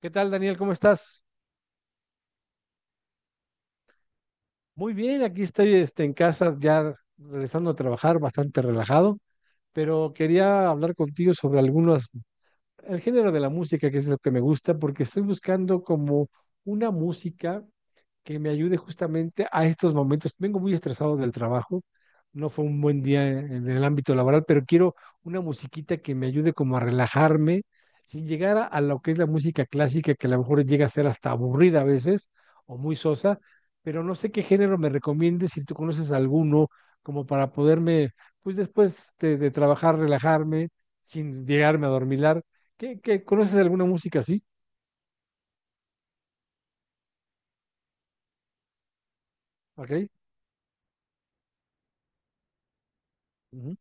¿Qué tal, Daniel? ¿Cómo estás? Muy bien, aquí estoy en casa ya regresando a trabajar bastante relajado, pero quería hablar contigo sobre el género de la música, que es lo que me gusta, porque estoy buscando como una música que me ayude justamente a estos momentos. Vengo muy estresado del trabajo, no fue un buen día en el ámbito laboral, pero quiero una musiquita que me ayude como a relajarme, sin llegar a lo que es la música clásica, que a lo mejor llega a ser hasta aburrida a veces o muy sosa, pero no sé qué género me recomiendes, si tú conoces alguno, como para poderme, pues después de trabajar, relajarme, sin llegarme a dormilar. ¿Qué conoces alguna música así? ¿Ok? Ujú.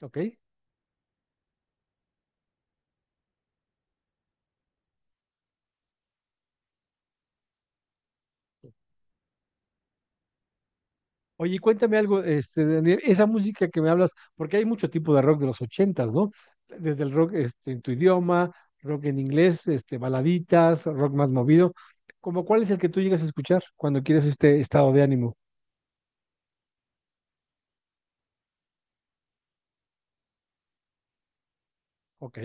¿Ok? Oye, cuéntame algo, Daniel, esa música que me hablas, porque hay mucho tipo de rock de los ochentas, ¿no? Desde el rock en tu idioma, rock en inglés, baladitas, rock más movido. ¿Cómo cuál es el que tú llegas a escuchar cuando quieres este estado de ánimo? Ok,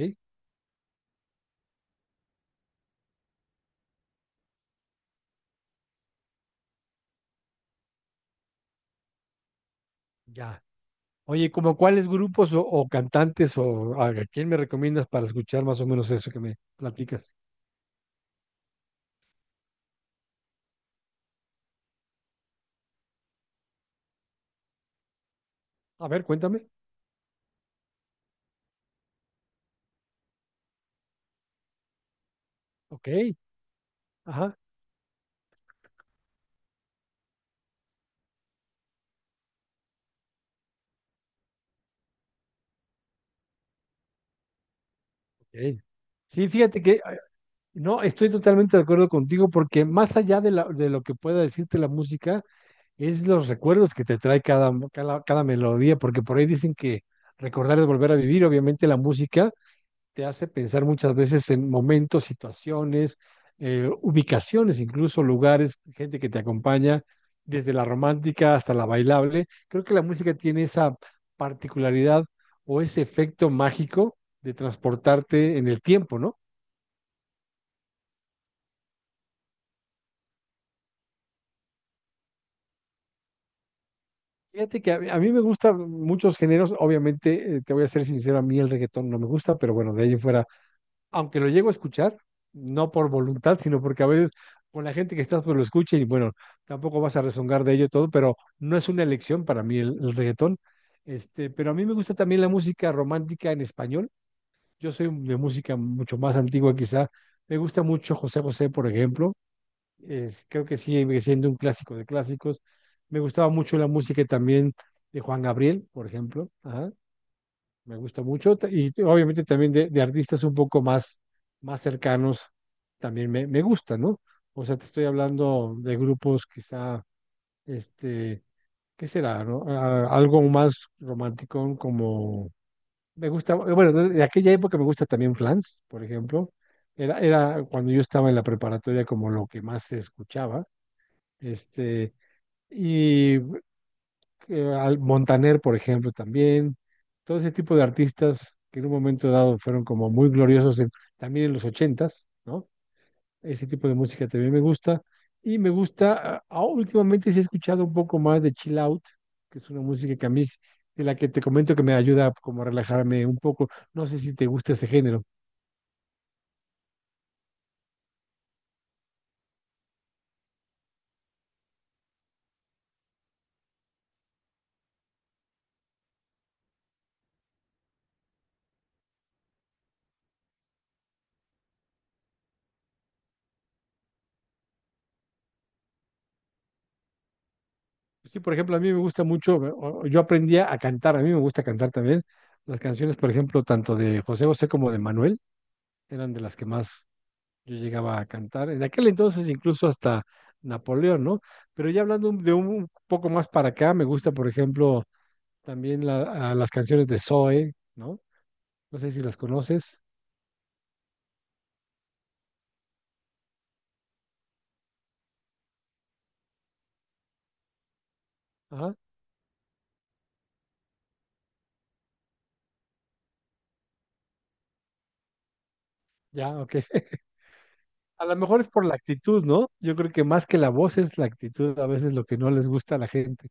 ya. Oye, ¿como cuáles grupos o cantantes o a quién me recomiendas para escuchar más o menos eso que me platicas? A ver, cuéntame. Ok, ajá, ok. Sí, fíjate que no, estoy totalmente de acuerdo contigo, porque más allá de lo que pueda decirte la música, es los recuerdos que te trae cada melodía, porque por ahí dicen que recordar es volver a vivir. Obviamente la música te hace pensar muchas veces en momentos, situaciones, ubicaciones, incluso lugares, gente que te acompaña, desde la romántica hasta la bailable. Creo que la música tiene esa particularidad o ese efecto mágico de transportarte en el tiempo, ¿no? Fíjate que a mí me gustan muchos géneros. Obviamente, te voy a ser sincero, a mí el reggaetón no me gusta, pero bueno, de ahí en fuera, aunque lo llego a escuchar, no por voluntad, sino porque a veces con la gente que estás pues lo escucha y bueno, tampoco vas a rezongar de ello y todo, pero no es una elección para mí el reggaetón. Pero a mí me gusta también la música romántica en español. Yo soy de música mucho más antigua quizá. Me gusta mucho José José, por ejemplo. Creo que sigue siendo un clásico de clásicos. Me gustaba mucho la música también de Juan Gabriel, por ejemplo. Ajá, me gusta mucho. Y obviamente también de artistas un poco más, más cercanos también me gusta, ¿no? O sea, te estoy hablando de grupos quizá, este, ¿qué será, no? Algo más romántico como. Me gusta, bueno, de aquella época me gusta también Flans, por ejemplo. Era cuando yo estaba en la preparatoria como lo que más se escuchaba, este, y al Montaner, por ejemplo, también, todo ese tipo de artistas que en un momento dado fueron como muy gloriosos también en los ochentas, ¿no? Ese tipo de música también me gusta, y me gusta, oh, últimamente sí he escuchado un poco más de Chill Out, que es una música que a mí, de la que te comento que me ayuda como a relajarme un poco. No sé si te gusta ese género. Sí, por ejemplo, a mí me gusta mucho, o yo aprendí a cantar, a mí me gusta cantar también, las canciones, por ejemplo, tanto de José José como de Manuel, eran de las que más yo llegaba a cantar. En aquel entonces incluso hasta Napoleón, ¿no? Pero ya hablando de un poco más para acá, me gusta, por ejemplo, también a las canciones de Zoe, ¿no? No sé si las conoces. Ajá, ya, ok. A lo mejor es por la actitud, ¿no? Yo creo que más que la voz es la actitud, a veces lo que no les gusta a la gente.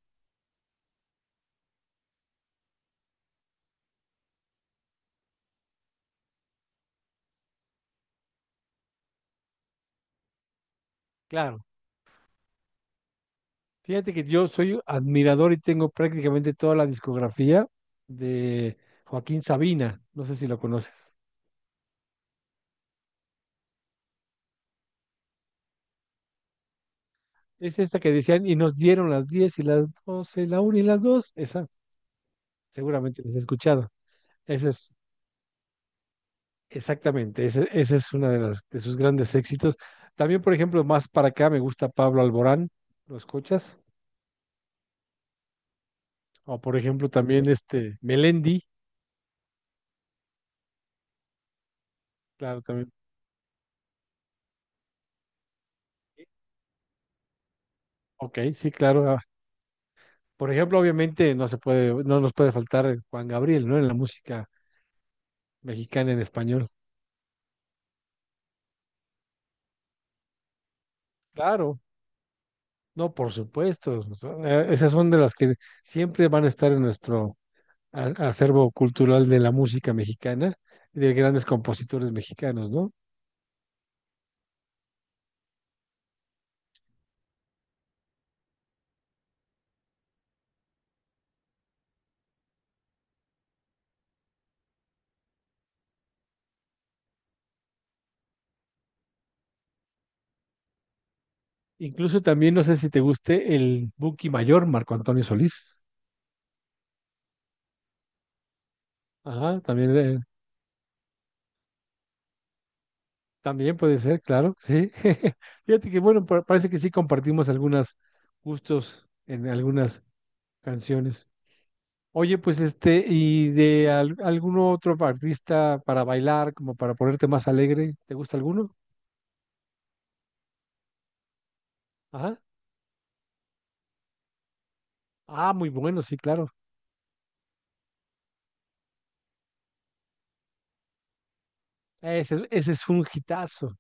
Claro. Fíjate que yo soy admirador y tengo prácticamente toda la discografía de Joaquín Sabina. No sé si lo conoces. Es esta que decían: "Y nos dieron las 10 y las 12, la 1 y las dos". Esa seguramente les he escuchado. Esa es exactamente. Esa es una de sus grandes éxitos. También, por ejemplo, más para acá me gusta Pablo Alborán, ¿lo escuchas? O por ejemplo, también este Melendi, claro, también. Ok, sí, claro. Por ejemplo, obviamente no se puede, no nos puede faltar Juan Gabriel, ¿no? En la música mexicana en español. Claro, no, por supuesto. O sea, esas son de las que siempre van a estar en nuestro acervo cultural de la música mexicana, de grandes compositores mexicanos, ¿no? Incluso también, no sé si te guste, el Buki Mayor, Marco Antonio Solís. Ajá, también puede ser, claro, sí. Fíjate que, bueno, parece que sí compartimos algunos gustos en algunas canciones. Oye, pues ¿y de algún otro artista para bailar, como para ponerte más alegre? ¿Te gusta alguno? Ajá. Ah, muy bueno, sí, claro. Ese es un hitazo.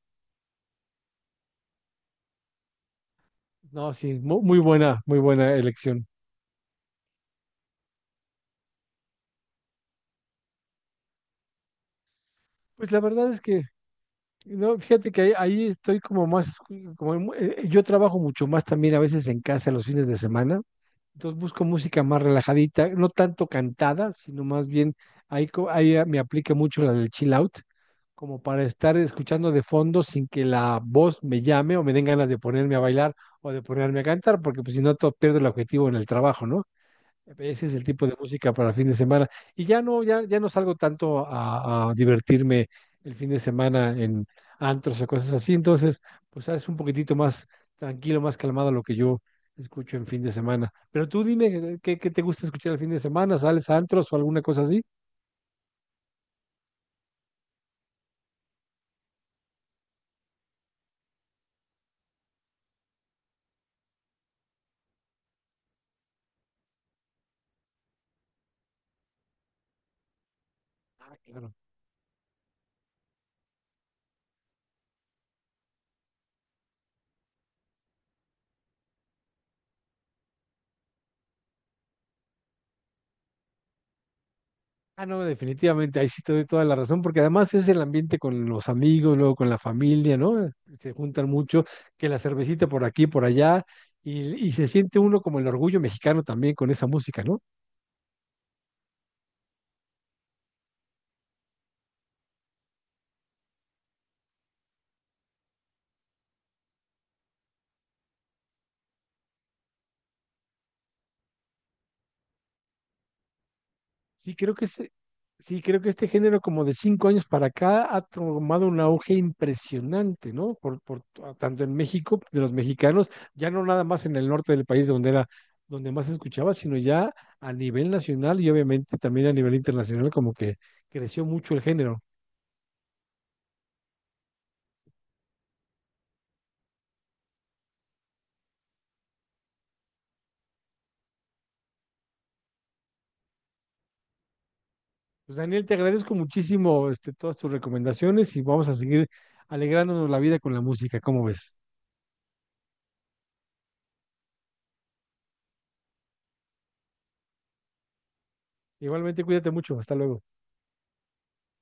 No, sí, muy buena elección. Pues la verdad es que, no, fíjate que ahí estoy como más, como yo trabajo mucho más también a veces en casa los fines de semana, entonces busco música más relajadita, no tanto cantada, sino más bien ahí, me aplica mucho la del chill out, como para estar escuchando de fondo sin que la voz me llame o me den ganas de ponerme a bailar o de ponerme a cantar, porque pues si no, todo pierdo el objetivo en el trabajo, ¿no? Ese es el tipo de música para fin de semana. Y ya no salgo tanto a divertirme el fin de semana en antros o cosas así. Entonces, pues es un poquitito más tranquilo, más calmado lo que yo escucho en fin de semana. Pero tú dime, ¿qué te gusta escuchar el fin de semana? ¿Sales a antros o alguna cosa así? Ah, claro. Ah, no, definitivamente, ahí sí te doy toda la razón, porque además es el ambiente con los amigos, luego con la familia, ¿no? Se juntan mucho, que la cervecita por aquí, por allá, y se siente uno como el orgullo mexicano también con esa música, ¿no? Sí, creo que ese- sí, creo que este género como de 5 años para acá ha tomado un auge impresionante, ¿no? Por tanto en México, de los mexicanos, ya no nada más en el norte del país donde era, donde más se escuchaba, sino ya a nivel nacional y obviamente también a nivel internacional, como que creció mucho el género. Pues Daniel, te agradezco muchísimo todas tus recomendaciones y vamos a seguir alegrándonos la vida con la música, ¿cómo ves? Igualmente, cuídate mucho, hasta luego.